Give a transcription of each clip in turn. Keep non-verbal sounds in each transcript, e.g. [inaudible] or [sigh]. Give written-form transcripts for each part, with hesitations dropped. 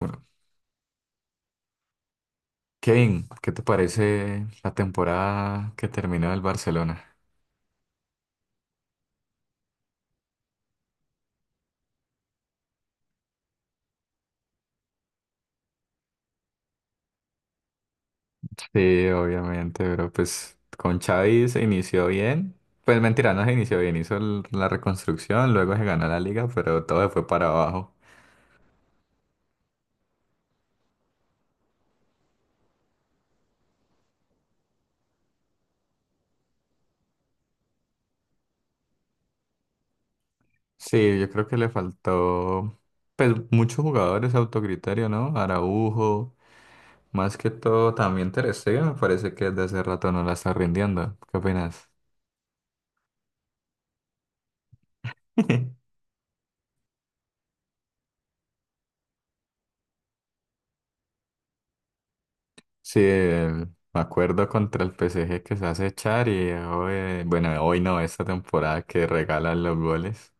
Bueno, Kevin, ¿qué te parece la temporada que terminó el Barcelona? Sí, obviamente, pero pues con Xavi se inició bien. Pues mentira, no se inició bien, hizo la reconstrucción, luego se ganó la liga, pero todo se fue para abajo. Sí, yo creo que le faltó pues muchos jugadores autocriterio, ¿no? Araujo, más que todo también Ter Stegen, me parece que desde hace rato no la está rindiendo. ¿Qué opinas? [laughs] Sí, me acuerdo contra el PSG que se hace echar y hoy, bueno, hoy no, esta temporada que regalan los goles.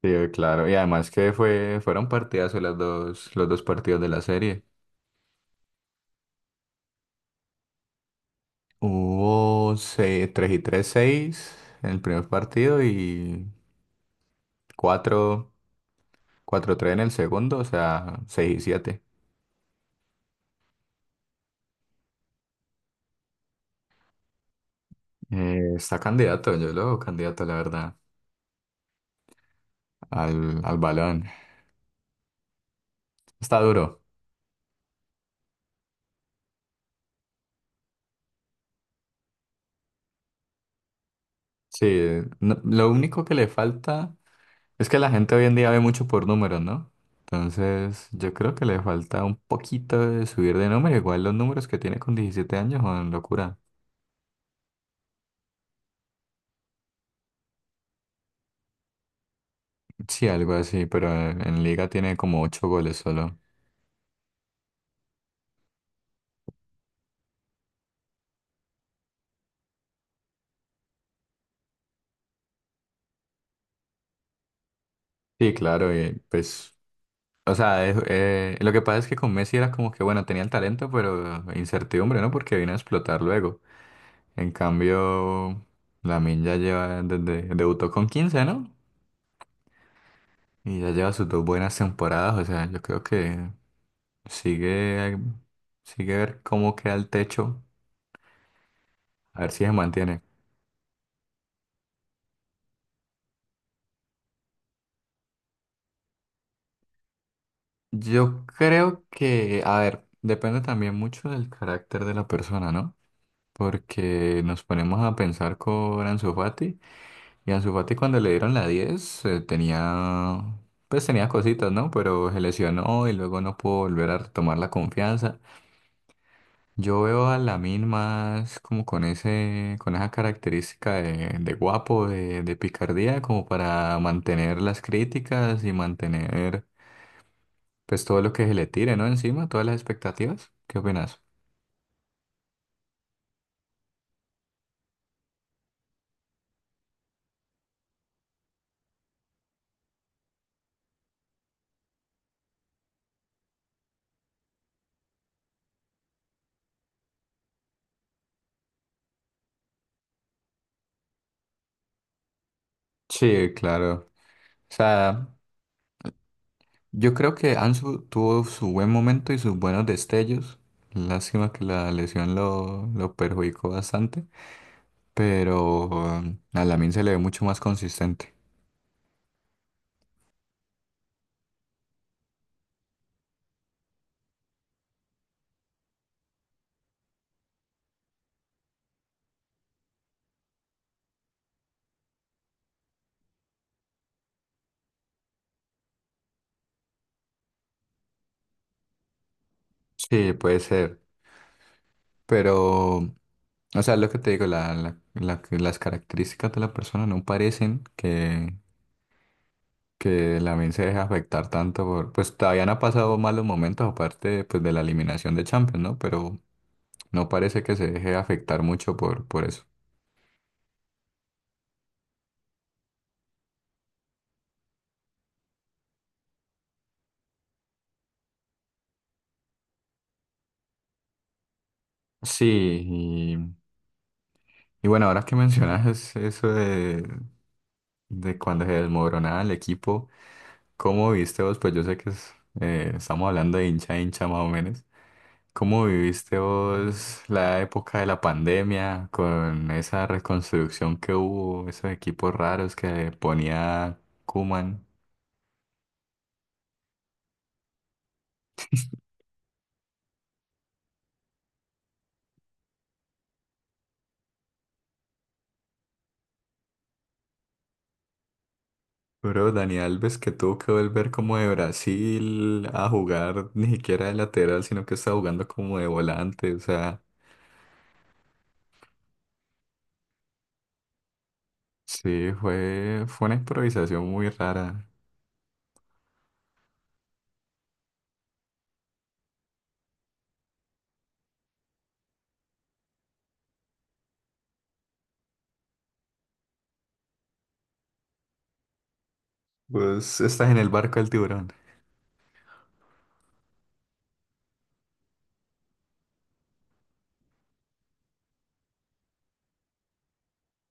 Sí, claro, y además que fueron partidazos los dos partidos de la serie. Hubo tres y tres seis en el primer partido y cuatro cuatro tres en el segundo, o sea, 6 y siete. Está candidato, yo lo veo candidato, la verdad, al balón. Está duro. Sí, lo único que le falta. Es que la gente hoy en día ve mucho por números, ¿no? Entonces, yo creo que le falta un poquito de subir de número. Igual los números que tiene con 17 años son locura. Sí, algo así, pero en liga tiene como 8 goles solo. Sí, claro, y pues, o sea, lo que pasa es que con Messi era como que, bueno, tenía el talento, pero incertidumbre, ¿no? Porque vino a explotar luego. En cambio, Lamine ya lleva, debutó con 15, ¿no? Y ya lleva sus dos buenas temporadas, o sea, yo creo que sigue sí ver cómo queda el techo, a ver si se mantiene. Yo creo que, a ver, depende también mucho del carácter de la persona, ¿no? Porque nos ponemos a pensar con Ansu Fati, y Ansu Fati cuando le dieron la 10, tenía, pues tenía cositas, ¿no? Pero se lesionó y luego no pudo volver a retomar la confianza. Yo veo a Lamine más como con ese, con esa característica de guapo, de picardía, como para mantener las críticas y mantener pues todo lo que se le tire, ¿no? Encima, todas las expectativas. ¿Qué opinas? Sí, claro. O sea, yo creo que Ansu tuvo su buen momento y sus buenos destellos. Lástima que la lesión lo perjudicó bastante, pero a Lamine se le ve mucho más consistente. Sí, puede ser. Pero, o sea, lo que te digo, las características de la persona no parecen que la mente se deje afectar tanto por, pues todavía no ha pasado malos momentos aparte pues de la eliminación de Champions, ¿no? Pero no parece que se deje afectar mucho por eso. Sí, y, y bueno, ahora que mencionas eso de cuando se desmoronaba el equipo, ¿cómo viste vos? Pues yo sé que estamos hablando de hincha a hincha más o menos, ¿cómo viviste vos la época de la pandemia con esa reconstrucción que hubo, esos equipos raros que ponía Koeman? Bro, Dani Alves que tuvo que volver como de Brasil a jugar ni siquiera de lateral, sino que estaba jugando como de volante. O sea, sí, fue una improvisación muy rara. Pues estás en el barco del tiburón.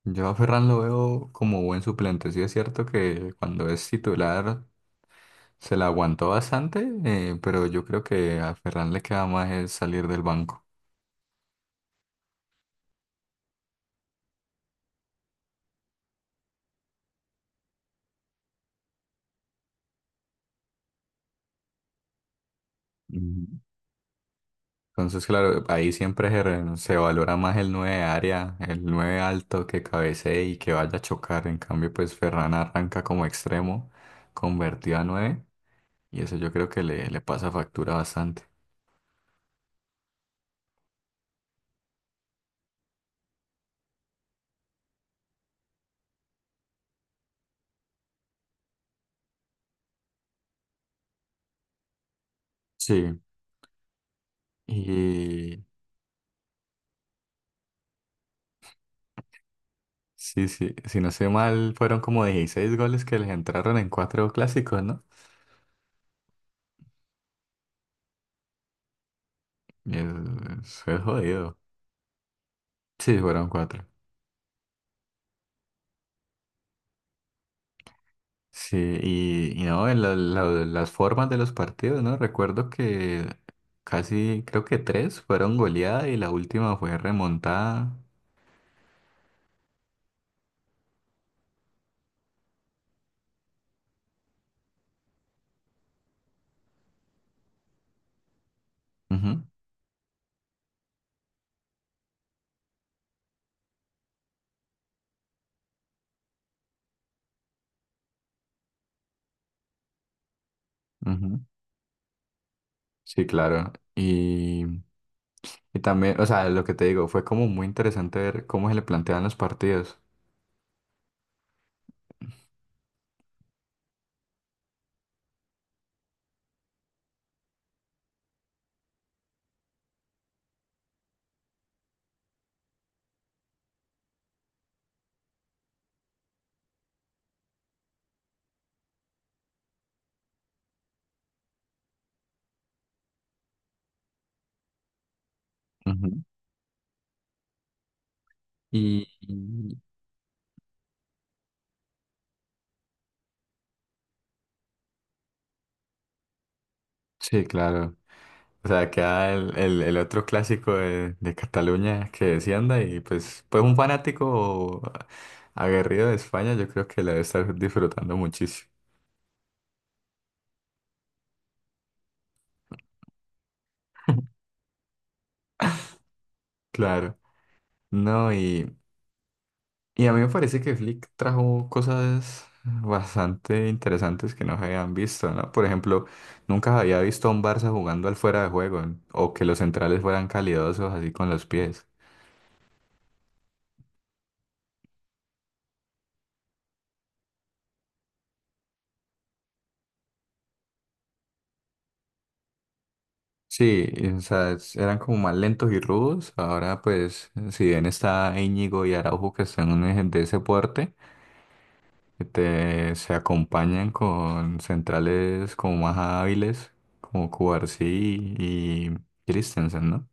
Yo a Ferran lo veo como buen suplente. Sí es cierto que cuando es titular se la aguantó bastante, pero yo creo que a Ferran le queda más el salir del banco. Ujú. Entonces, claro, ahí siempre se valora más el 9 de área, el 9 alto que cabecee y que vaya a chocar. En cambio, pues Ferran arranca como extremo, convertido a 9, y eso yo creo que le pasa factura bastante. Sí, y sí, sí, si no sé mal, fueron como 16 goles que les entraron en cuatro clásicos, ¿no? Y eso es jodido. Sí, fueron cuatro. Sí, y no, en las formas de los partidos, ¿no? Recuerdo que casi, creo que tres fueron goleadas y la última fue remontada. Ujú, ujú. Sí, claro. Y también, o sea, lo que te digo, fue como muy interesante ver cómo se le planteaban los partidos. Ujú. Y y- sí, claro. O sea, queda el otro clásico de Cataluña que descienda y pues un fanático aguerrido de España yo creo que la debe estar disfrutando muchísimo. Claro. No, y a mí me parece que Flick trajo cosas bastante interesantes que no se habían visto, ¿no? Por ejemplo, nunca había visto a un Barça jugando al fuera de juego o que los centrales fueran calidosos así con los pies. Sí, y, o sea, eran como más lentos y rudos. Ahora, pues, si bien está Íñigo y Araujo que están de ese porte, se acompañan con centrales como más hábiles, como Cubarsí y Christensen, ¿no?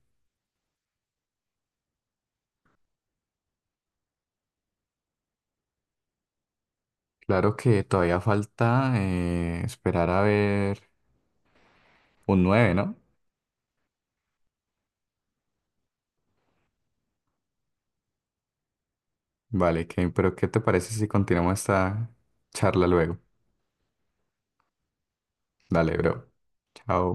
Claro que todavía falta esperar a ver un 9, ¿no? Vale, pero ¿qué te parece si continuamos esta charla luego? Dale, bro. Chao.